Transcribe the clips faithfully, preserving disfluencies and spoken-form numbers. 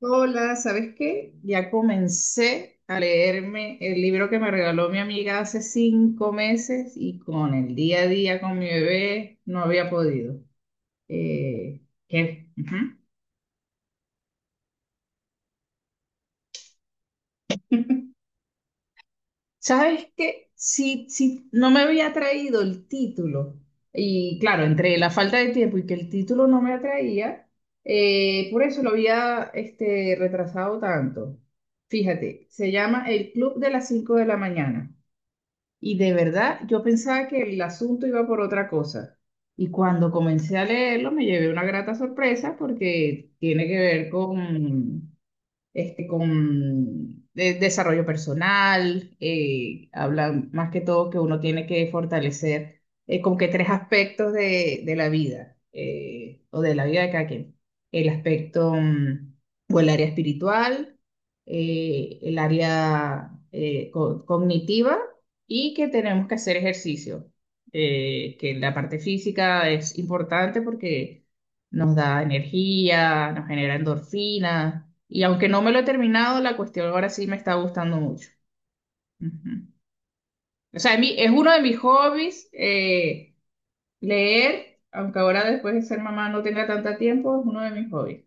Hola, ¿sabes qué? Ya comencé a leerme el libro que me regaló mi amiga hace cinco meses y con el día a día con mi bebé no había podido. Eh, ¿qué? Ujú. ¿Sabes qué? Si, si no me había traído el título y claro, entre la falta de tiempo y que el título no me atraía, eh, por eso lo había este, retrasado tanto. Fíjate, se llama El Club de las cinco de la mañana. Y de verdad, yo pensaba que el asunto iba por otra cosa. Y cuando comencé a leerlo, me llevé una grata sorpresa porque tiene que ver con, este, con de- desarrollo personal, eh, hablan más que todo que uno tiene que fortalecer eh, como que tres aspectos de, de la vida eh, o de la vida de cada quien. El aspecto mm, o el área espiritual, eh, el área eh, co- cognitiva y que tenemos que hacer ejercicio. Eh, que la parte física es importante porque nos da energía, nos genera endorfina. Y aunque no me lo he terminado, la cuestión ahora sí me está gustando mucho. Ujú. O sea, mi- es uno de mis hobbies, eh, leer, aunque ahora después de ser mamá no tenga tanto tiempo, es uno de mis hobbies.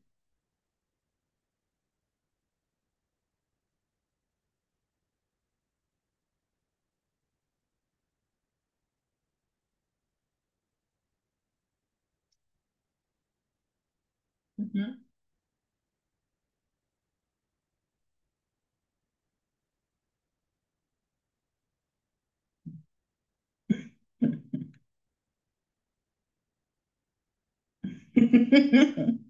Ujú.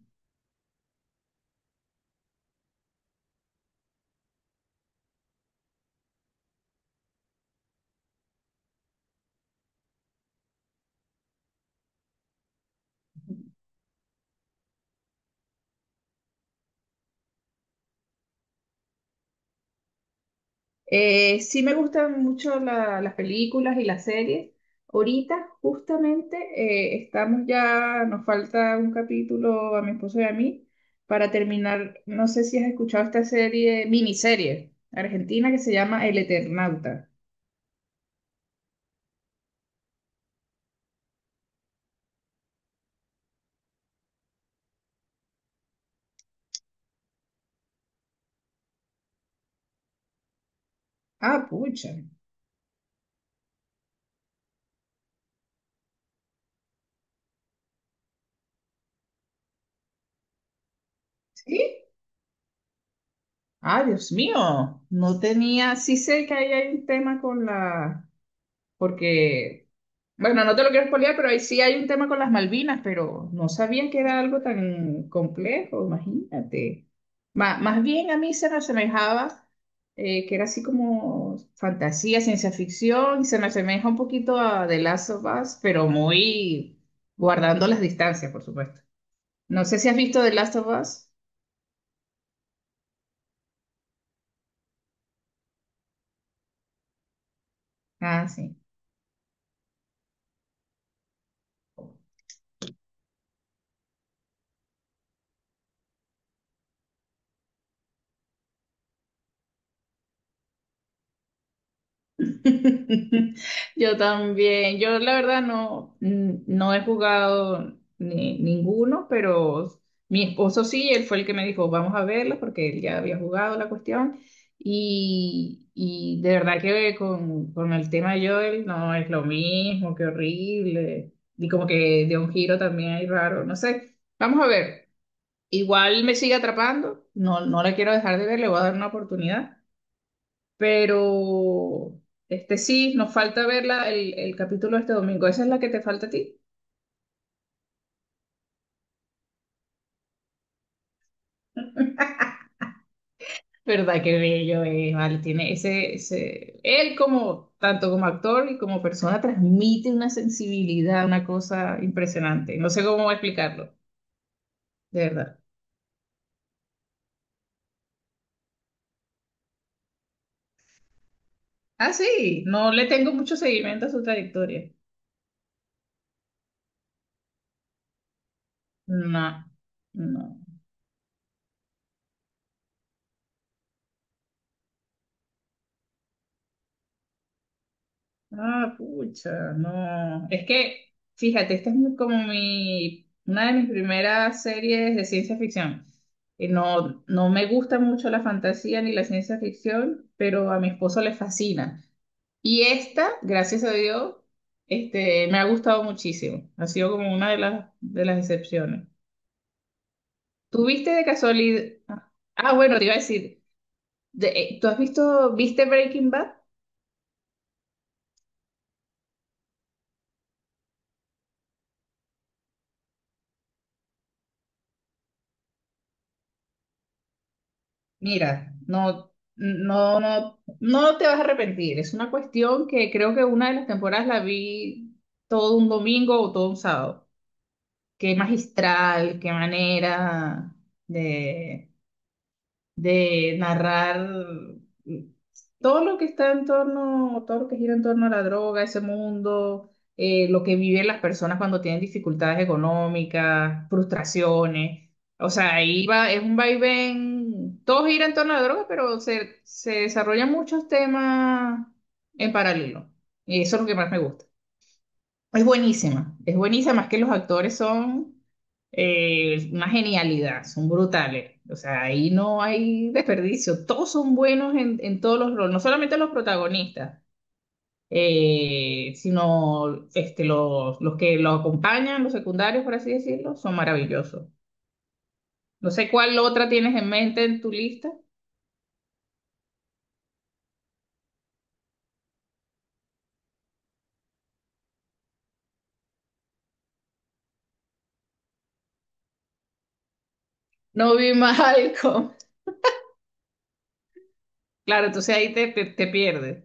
Eh, sí me gustan mucho la- las películas y las series. Ahorita justamente eh, estamos ya, nos falta un capítulo a mi esposo y a mí para terminar, no sé si has escuchado esta serie, miniserie argentina que se llama El Eternauta. Ah, pucha. ¿Sí? Ah, Dios mío. No tenía, sí sé que ahí hay un tema con la, porque bueno, no te lo quiero spoilear, pero ahí sí hay un tema con las Malvinas, pero no sabía que era algo tan complejo, imagínate. Ma- más bien a mí se me asemejaba eh, que era así como fantasía, ciencia ficción, y se me asemeja un poquito a The Last of Us, pero muy guardando las distancias, por supuesto. No sé si has visto The Last of Us. Ah, sí. Yo también. Yo la verdad no, n- no he jugado ni- ninguno, pero mi esposo sí, él fue el que me dijo, vamos a verlo, porque él ya había jugado la cuestión. Y, y de verdad que con, con el tema de Joel no es lo mismo, qué horrible. Y como que de un giro también hay raro, no sé. Vamos a ver. Igual me sigue atrapando. No, no la quiero dejar de ver, le voy a dar una oportunidad. Pero este sí, nos falta verla el, el capítulo este domingo. ¿Esa es la que te falta a ti? ¿Verdad? Qué bello es, vale. Tiene ese, ese. Él como, tanto como actor y como persona, transmite una sensibilidad, una cosa impresionante. No sé cómo explicarlo, de verdad. Ah, sí, no le tengo mucho seguimiento a su trayectoria. No, no. Ah, pucha, no. Es que, fíjate, esta es mi- como mi, una de mis primeras series de ciencia ficción. Y no, no me gusta mucho la fantasía ni la ciencia ficción, pero a mi esposo le fascina. Y esta, gracias a Dios, este, me ha gustado muchísimo. Ha sido como una de las, de las excepciones. ¿Tuviste de casualidad? Ah, bueno, te iba a decir, de- eh, ¿tú has visto, viste Breaking Bad? Mira, no, no, no, no te vas a arrepentir. Es una cuestión que creo que una de las temporadas la vi todo un domingo o todo un sábado. Qué magistral, qué manera de, de narrar todo lo que está en torno, todo lo que gira en torno a la droga, ese mundo, eh, lo que viven las personas cuando tienen dificultades económicas, frustraciones. O sea, ahí va, es un vaivén, todo gira en torno a la droga, pero se, se desarrollan muchos temas en paralelo. Y eso es lo que más me gusta. Es buenísima, es buenísima, es que los actores son eh, una genialidad, son brutales. O sea, ahí no hay desperdicio. Todos son buenos en, en todos los roles, no solamente los protagonistas, eh, sino este, los, los que los acompañan, los secundarios, por así decirlo, son maravillosos. No sé cuál otra tienes en mente en tu lista. No vi Malcolm. Claro, entonces ahí te, te, te pierdes.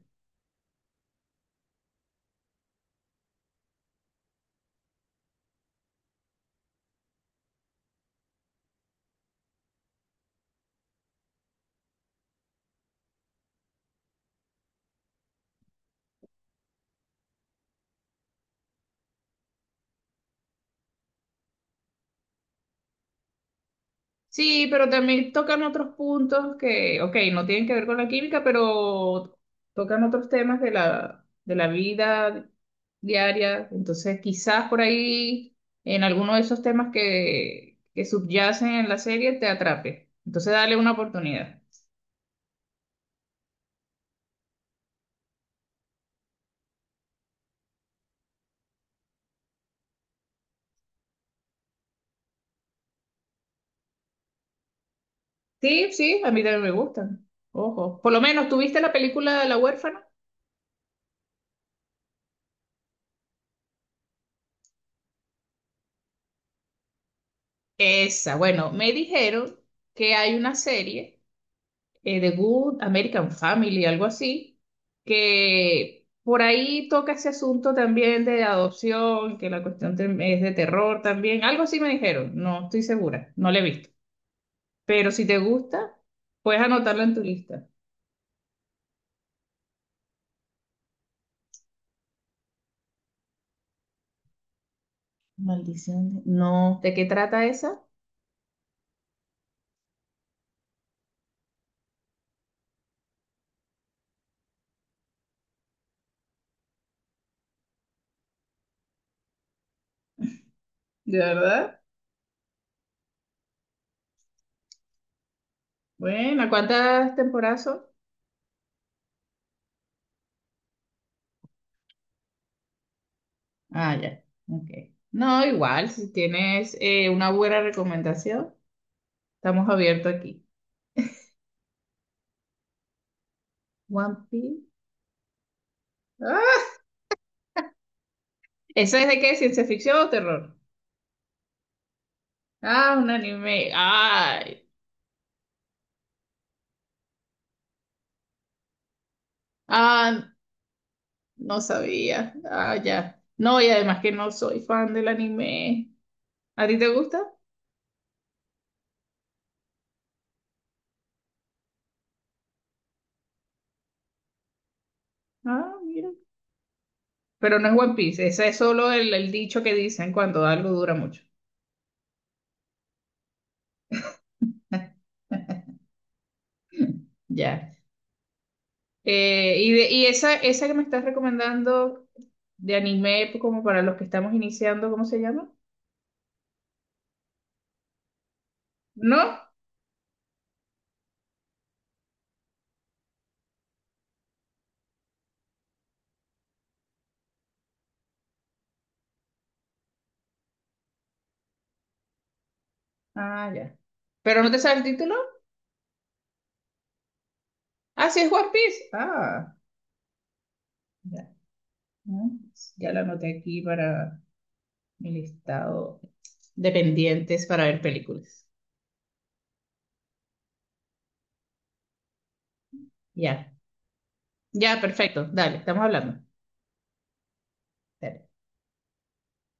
Sí, pero también tocan otros puntos que, ok, no tienen que ver con la química, pero tocan otros temas de la, de la vida diaria. Entonces, quizás por ahí, en alguno de esos temas que, que subyacen en la serie, te atrape. Entonces, dale una oportunidad. Sí, sí, a mí también me gustan. Ojo. Por lo menos, ¿tuviste la película La huérfana? Esa, bueno, me dijeron que hay una serie. eh, The Good American Family, algo así, que por ahí toca ese asunto también de adopción, que la cuestión tem- es de terror también, algo así me dijeron, no estoy segura, no lo he visto, pero si te gusta, puedes anotarlo en tu lista. Maldición. de- No, ¿de qué trata esa? ¿De verdad? Bueno, ¿cuántas temporadas son? Ah, ya, ok. No, igual, si tienes eh, una buena recomendación, estamos abiertos aquí. One Piece. ¿Eso es de qué? ¿Ciencia ficción o terror? Ah, un anime. Ay. Ah, no sabía. Ah, ya. No, y además que no soy fan del anime. ¿A ti te gusta? Ah, mira. Pero no es One Piece. Ese es solo el, el dicho que dicen cuando algo dura mucho. Ya. Eh, y de- y esa, esa que me estás recomendando de anime, pues, como para los que estamos iniciando, ¿cómo se llama? ¿No? Ah, ya. ¿Pero no te sabe el título? Ah, sí, es One Piece. Ah, ya. ¿No? Ya la anoté aquí para mi listado de pendientes para ver películas. Ya, ya, perfecto. Dale, estamos hablando.